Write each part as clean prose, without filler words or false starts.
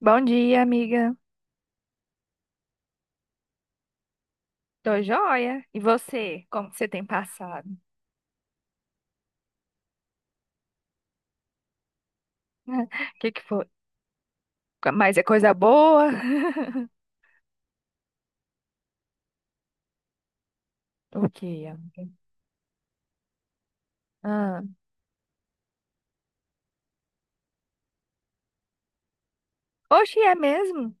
Bom dia, amiga. Tô joia. E você? Como que você tem passado? O que que foi? Mas é coisa boa? O que, amiga? Ah. Oxe, é mesmo?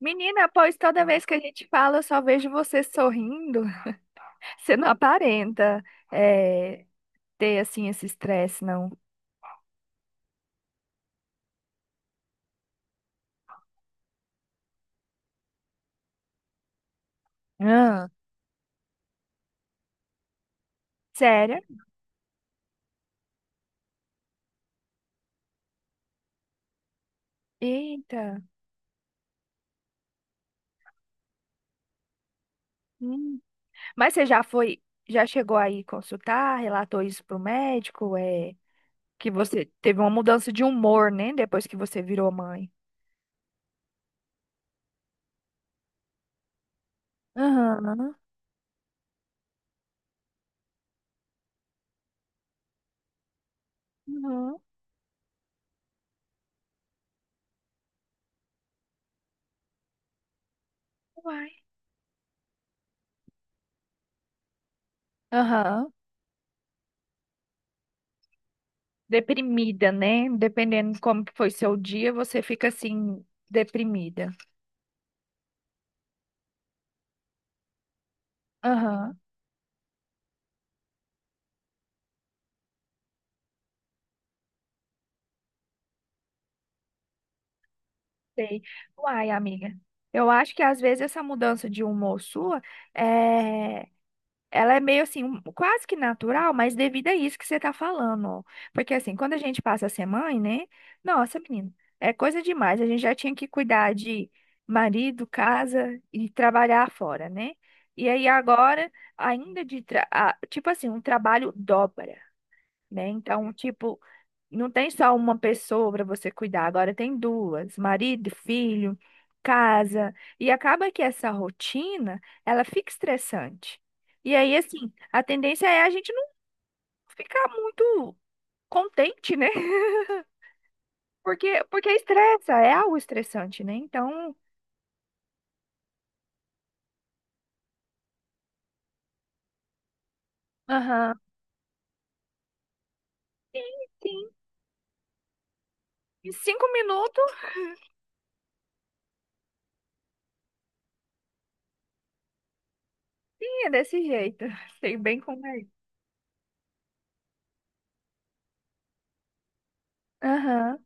Menina, pois toda vez que a gente fala, eu só vejo você sorrindo. Você não aparenta eh, ter, assim, esse estresse, não. Ah. Sério? Eita. Hum. Mas você já foi, já chegou aí consultar, relatou isso pro médico? É, que você teve uma mudança de humor, né? Depois que você virou mãe. Aham. Uhum, uai. Aham. Deprimida, né? Dependendo de como que foi seu dia, você fica assim, deprimida. Aham. Sei. Uai, amiga. Eu acho que às vezes essa mudança de humor sua é ela é meio assim, quase que natural, mas devido a isso que você tá falando, ó. Porque assim, quando a gente passa a ser mãe, né? Nossa, menina, é coisa demais. A gente já tinha que cuidar de marido, casa e trabalhar fora, né? E aí agora, ainda tipo assim, um trabalho dobra, né? Então, tipo, não tem só uma pessoa para você cuidar, agora tem duas, marido, filho, casa, e acaba que essa rotina, ela fica estressante. E aí, assim, a tendência é a gente não ficar muito contente, né? Porque estressa, é algo estressante, né? Então, aham, sim, em cinco minutos sim, é desse jeito. Sei bem como é. Aham.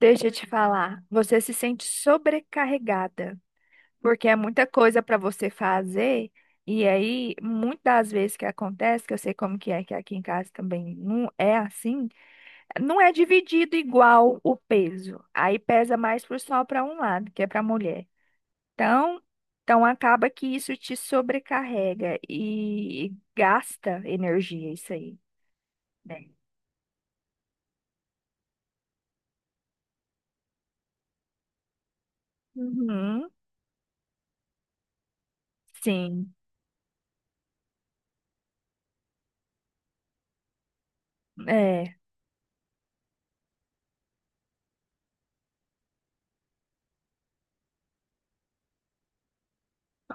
Deixa eu te falar, você se sente sobrecarregada. Porque é muita coisa para você fazer, e aí, muitas das vezes que acontece, que eu sei como que é, que aqui em casa também não é assim, não é dividido igual o peso. Aí pesa mais pro só para um lado, que é para a mulher. Então, então acaba que isso te sobrecarrega e gasta energia, isso aí, né? Uhum, sim, é.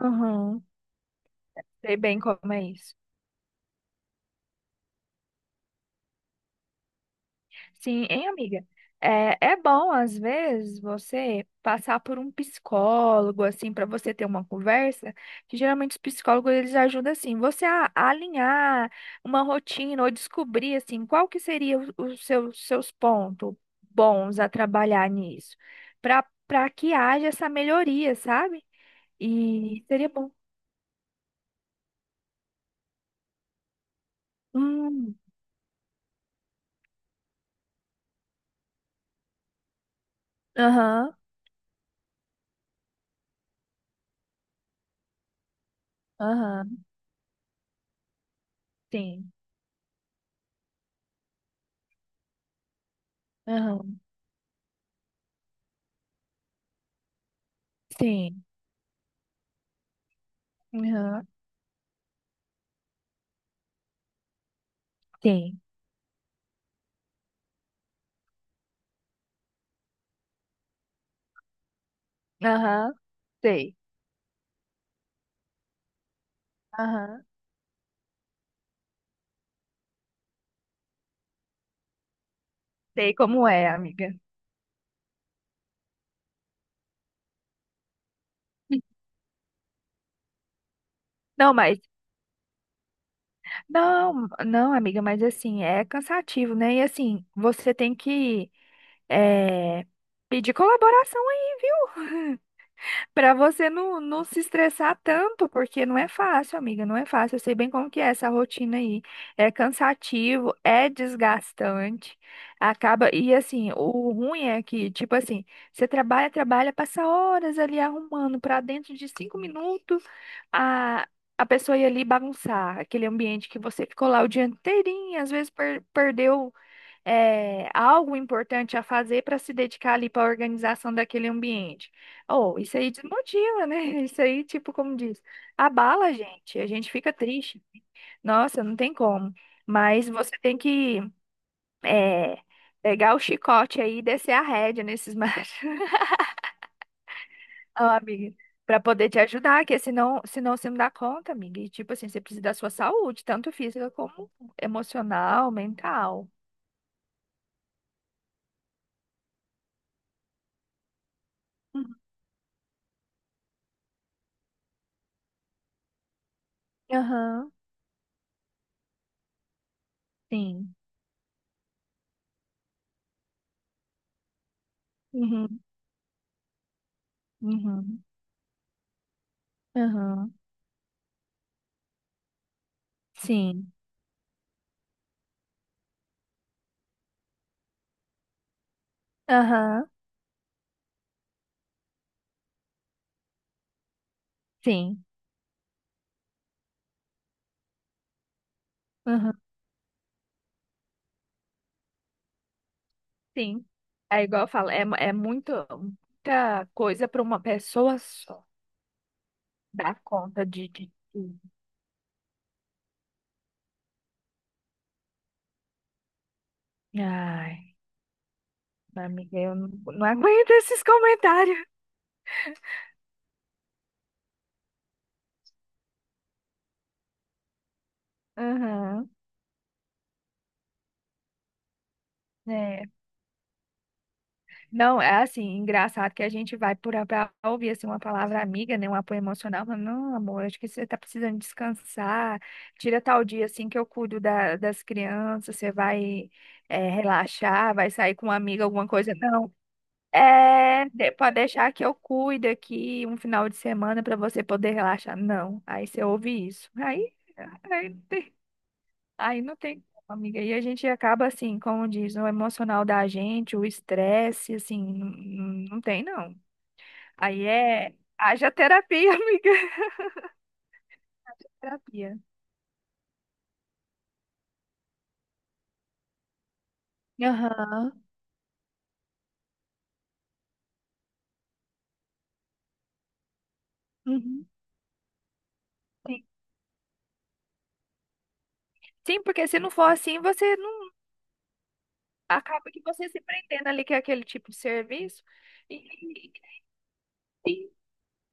Uhum. Sei bem como é isso. Sim, hein, amiga? É, é bom, às vezes, você passar por um psicólogo, assim, para você ter uma conversa, que geralmente os psicólogos, eles ajudam, assim, você a alinhar uma rotina ou descobrir, assim, qual que seria os seus pontos bons a trabalhar nisso, para que haja essa melhoria, sabe? E seria bom. Hum, aham, aham, sim, aham, sim, aham, sim, aham, sei. Aham. Sei como é, amiga. Não, mas não, não, amiga, mas assim, é cansativo, né? E assim, você tem que é, pedir colaboração para você não, não se estressar tanto, porque não é fácil, amiga, não é fácil. Eu sei bem como que é essa rotina aí. É cansativo, é desgastante. Acaba, e assim, o ruim é que, tipo assim, você trabalha, passa horas ali arrumando para dentro de cinco minutos a, a pessoa ir ali bagunçar aquele ambiente que você ficou lá o dia inteirinho, às vezes perdeu algo importante a fazer para se dedicar ali para a organização daquele ambiente. Oh, isso aí desmotiva, né? Isso aí, tipo, como diz, abala a gente fica triste. Nossa, não tem como. Mas você tem que é, pegar o chicote aí e descer a rédea nesses machos, ó, amiga, para poder te ajudar, porque senão, senão você não dá conta, amiga. E, tipo assim, você precisa da sua saúde, tanto física como emocional, mental. Uhum. Aham, sim. Uhum. Uhum. Aham. Sim. Aham. Sim. Aham. Sim. É igual eu falo, é, é muito, muita coisa para uma pessoa só dar conta de tudo. Ai, amiga, eu não, não aguento esses comentários. Aham. É. Não, é assim, engraçado que a gente vai por para ouvir assim, uma palavra amiga, né, um apoio emocional, mas não, amor, acho que você tá precisando descansar, tira tal dia assim que eu cuido da, das crianças, você vai relaxar, vai sair com uma amiga, alguma coisa. Não, pode deixar que eu cuido aqui um final de semana para você poder relaxar. Não, aí você ouve isso. Aí, aí aí não tem como, amiga. E a gente acaba assim, como diz, o emocional da gente, o estresse, assim, não, não tem não. Aí é, haja terapia, amiga. Haja terapia. Aham. Uhum. Sim. Sim, porque se não for assim, você não acaba que você se prendendo ali que é aquele tipo de serviço. E, e,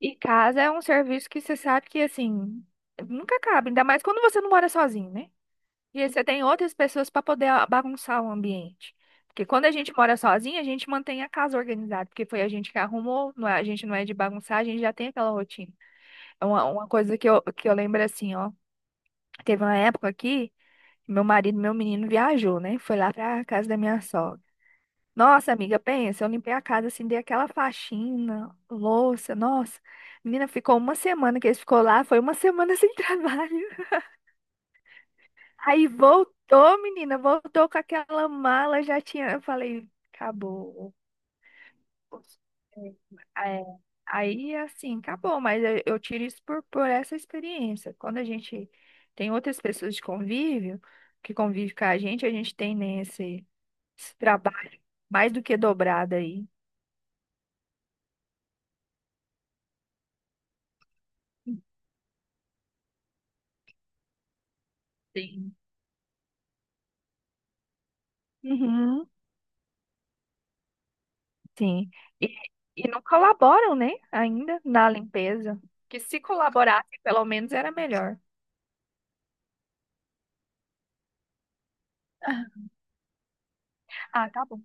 e casa é um serviço que você sabe que assim, nunca acaba, ainda mais quando você não mora sozinho, né? E aí você tem outras pessoas para poder bagunçar o ambiente. Porque quando a gente mora sozinha, a gente mantém a casa organizada, porque foi a gente que arrumou, a gente não é de bagunçar, a gente já tem aquela rotina. É uma coisa que eu lembro assim, ó. Teve uma época aqui, meu marido, meu menino viajou, né? Foi lá pra casa da minha sogra. Nossa, amiga, pensa, eu limpei a casa assim, dei aquela faxina, louça, nossa. Menina, ficou uma semana que ele ficou lá, foi uma semana sem trabalho. Aí voltou, menina, voltou com aquela mala, já tinha. Eu falei, acabou. É, é, aí, assim, acabou, mas eu tiro isso por essa experiência. Quando a gente tem outras pessoas de convívio, que convivem com a gente tem nesse esse trabalho mais do que dobrado aí. Sim. Uhum, sim. E, e não colaboram, né, ainda na limpeza. Que se colaborasse, pelo menos era melhor. Ah, tá bom.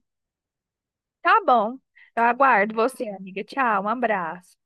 Tá bom. Eu aguardo você, amiga. Tchau, um abraço.